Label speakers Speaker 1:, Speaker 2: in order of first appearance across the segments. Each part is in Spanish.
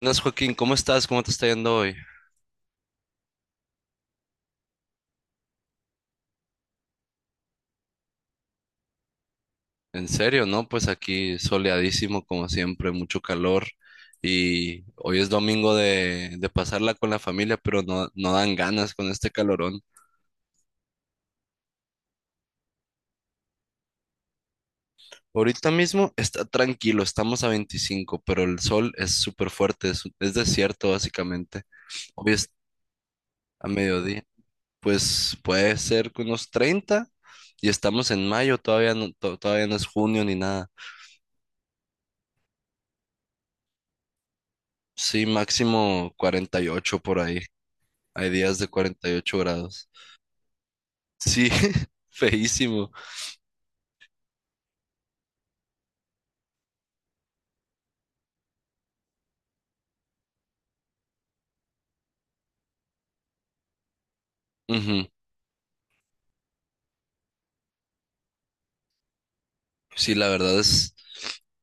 Speaker 1: Buenas, Joaquín, ¿cómo estás? ¿Cómo te está yendo hoy? En serio, ¿no? Pues aquí soleadísimo, como siempre, mucho calor. Y hoy es domingo de pasarla con la familia, pero no dan ganas con este calorón. Ahorita mismo está tranquilo, estamos a 25, pero el sol es súper fuerte, es desierto básicamente. Hoy es a mediodía, pues puede ser que unos 30 y estamos en mayo, todavía no es junio ni nada. Sí, máximo 48 por ahí. Hay días de 48 grados. Sí, feísimo. Ujú. Sí, la verdad es,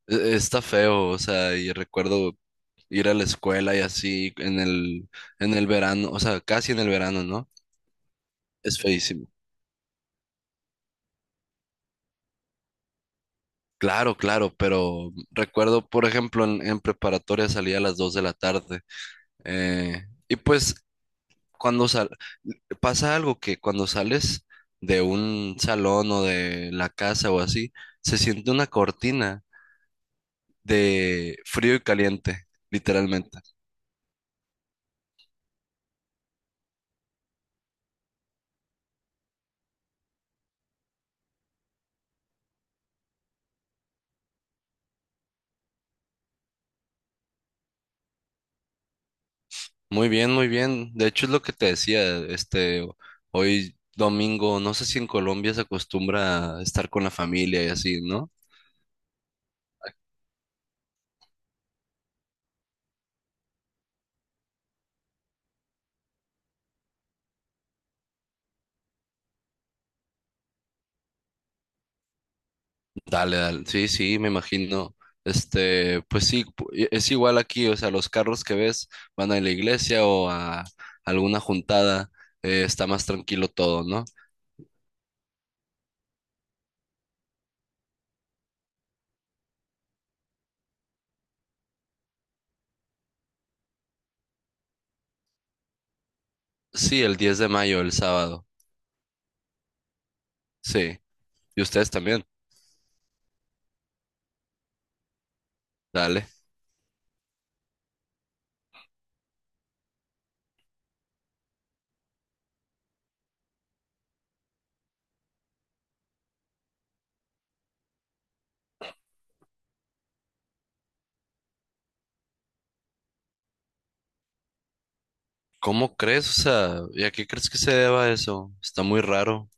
Speaker 1: está feo, o sea, y recuerdo ir a la escuela y así en el verano, o sea, casi en el verano, ¿no? Es feísimo. Claro, claro, pero recuerdo, por ejemplo, en preparatoria salía a las 2 de la tarde. eh, y pues cuando sal, pasa algo que cuando sales de un salón o de la casa o así, se siente una cortina de frío y caliente, literalmente. Muy bien, muy bien. De hecho, es lo que te decía, hoy domingo, no sé si en Colombia se acostumbra a estar con la familia y así, ¿no? Dale, dale. Sí, sí, me imagino. Pues sí, es igual aquí, o sea, los carros que ves van a la iglesia o a alguna juntada, está más tranquilo todo, ¿no? Sí, el 10 de mayo, el sábado. Sí. ¿Y ustedes también? Dale. ¿Cómo crees? O sea, ¿y a qué crees que se deba eso? Está muy raro.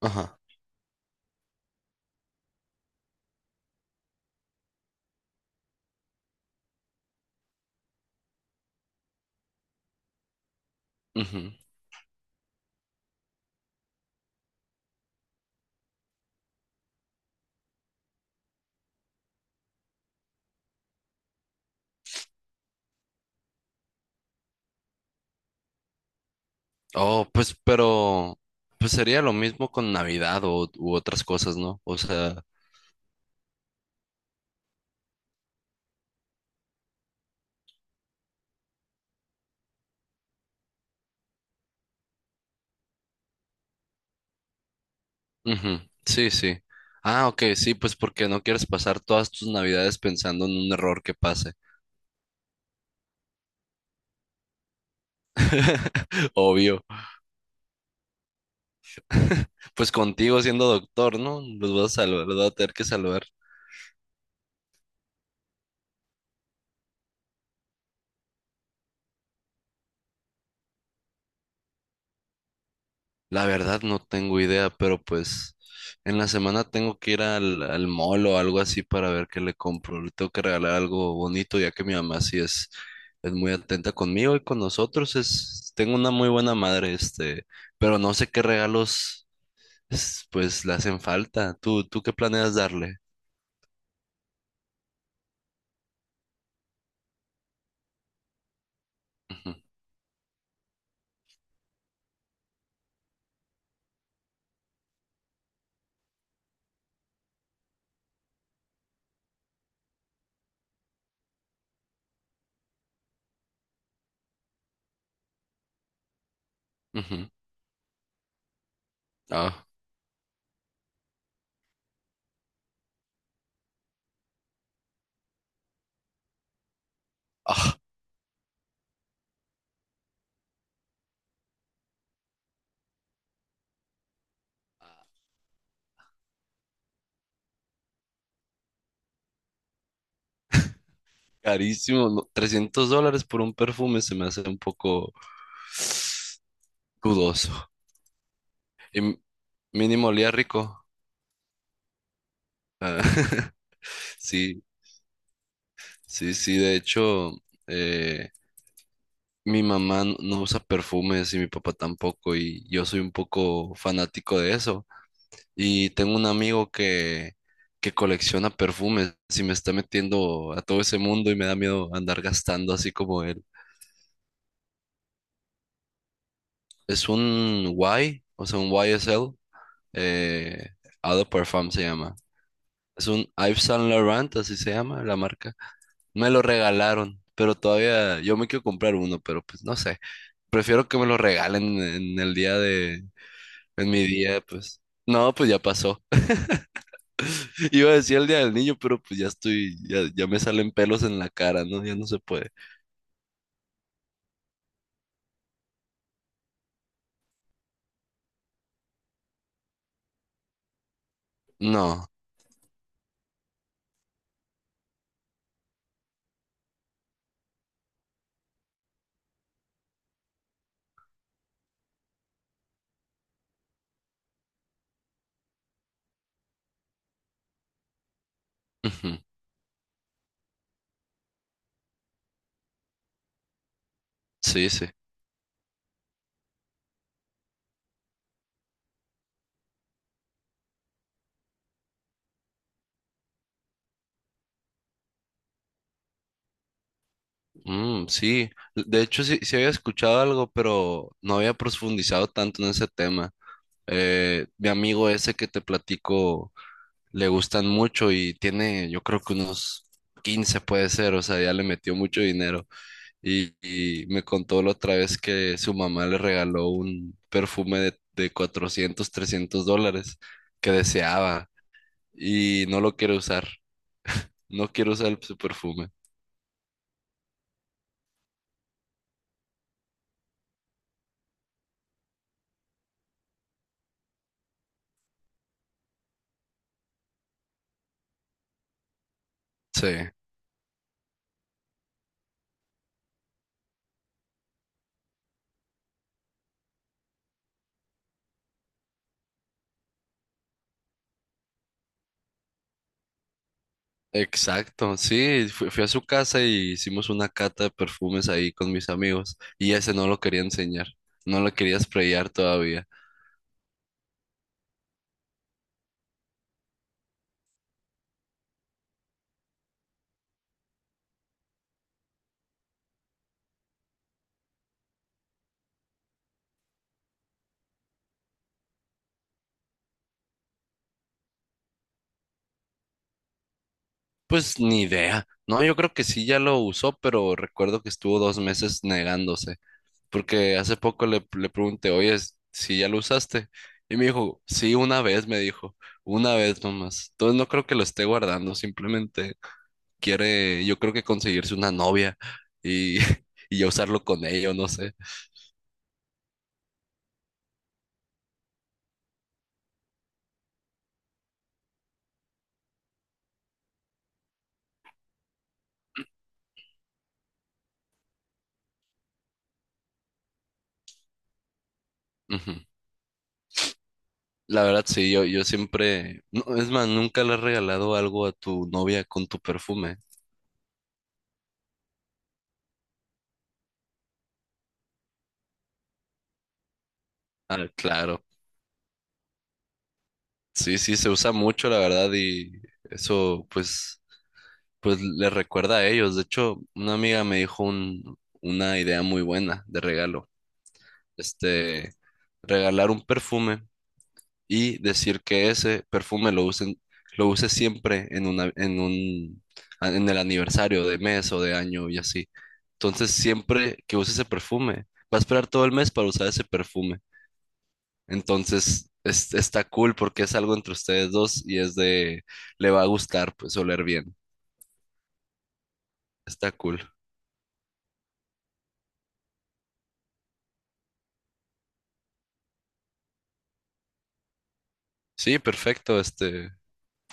Speaker 1: Ajá. Ujú. Oh, pues, pero, pues sería lo mismo con Navidad o, u otras cosas, ¿no? O sea, ujú, sí, sí. Ah, ok, sí, pues porque no quieres pasar todas tus Navidades pensando en un error que pase. Obvio. Pues contigo siendo doctor, ¿no? Los vas a salvar, los vas a tener que salvar. La verdad no tengo idea, pero pues en la semana tengo que ir al mall o algo así para ver qué le compro. Le tengo que regalar algo bonito, ya que mi mamá sí es muy atenta conmigo y con nosotros. Tengo una muy buena madre, pero no sé qué regalos pues le hacen falta. ¿Tú qué planeas darle? Ujú, ujú. Ah, ah, carísimo, no, $300 por un perfume se me hace un poco dudoso. Y mínimo olía rico. Ah, Sí, sí, sí, de hecho, eh, mi mamá no usa perfumes y mi papá tampoco, y yo soy un poco fanático de eso. Y tengo un amigo que colecciona perfumes y me está metiendo a todo ese mundo y me da miedo andar gastando así como él. Es un Y, o sea, un YSL, eh, Eau de Parfum se llama. Es un Yves Saint Laurent, así se llama la marca. Me lo regalaron, pero todavía yo me quiero comprar uno, pero pues no sé. Prefiero que me lo regalen en mi día, pues. No, pues ya pasó. Iba a decir el día del niño, pero pues ya estoy, ya me salen pelos en la cara, ¿no? Ya no se puede. No. Ujú. Sí, sí. Mm, sí. De hecho, sí, sí había escuchado algo, pero no había profundizado tanto en ese tema. Mi amigo ese que te platico le gustan mucho y tiene, yo creo que unos 15 puede ser, o sea, ya le metió mucho dinero. Y me contó la otra vez que su mamá le regaló un perfume de 400 $300 que deseaba y no lo quiere usar, no quiere usar su perfume. Sí. Exacto, sí, fui a su casa y hicimos una cata de perfumes ahí con mis amigos y ese no lo quería enseñar, no lo quería sprayar todavía. Pues ni idea. No, yo creo que sí ya lo usó, pero recuerdo que estuvo 2 meses negándose, porque hace poco le pregunté, oye, si ya lo usaste. Y me dijo, sí, una vez, me dijo, una vez nomás. Entonces no creo que lo esté guardando, simplemente quiere, yo creo que conseguirse una novia y, y ya usarlo con ella, o no sé. Ujú. La verdad, sí, yo siempre, no, es más, nunca le has regalado algo a tu novia con tu perfume. Ah, claro. Sí, sí, se usa mucho, la verdad, y eso pues, pues les recuerda a ellos. De hecho, una amiga me dijo una idea muy buena de regalo. Este, Regalar un perfume y decir que ese perfume lo usen, lo use siempre en una, en un, a- en el aniversario de mes o de año y así. Entonces, siempre que use ese perfume, va a esperar todo el mes para usar ese perfume. Entonces, está cool porque es algo entre ustedes dos y le va a gustar, pues, oler bien. Está cool. Sí, perfecto. Este,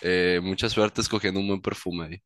Speaker 1: eh, mucha suerte escogiendo un buen perfume ahí.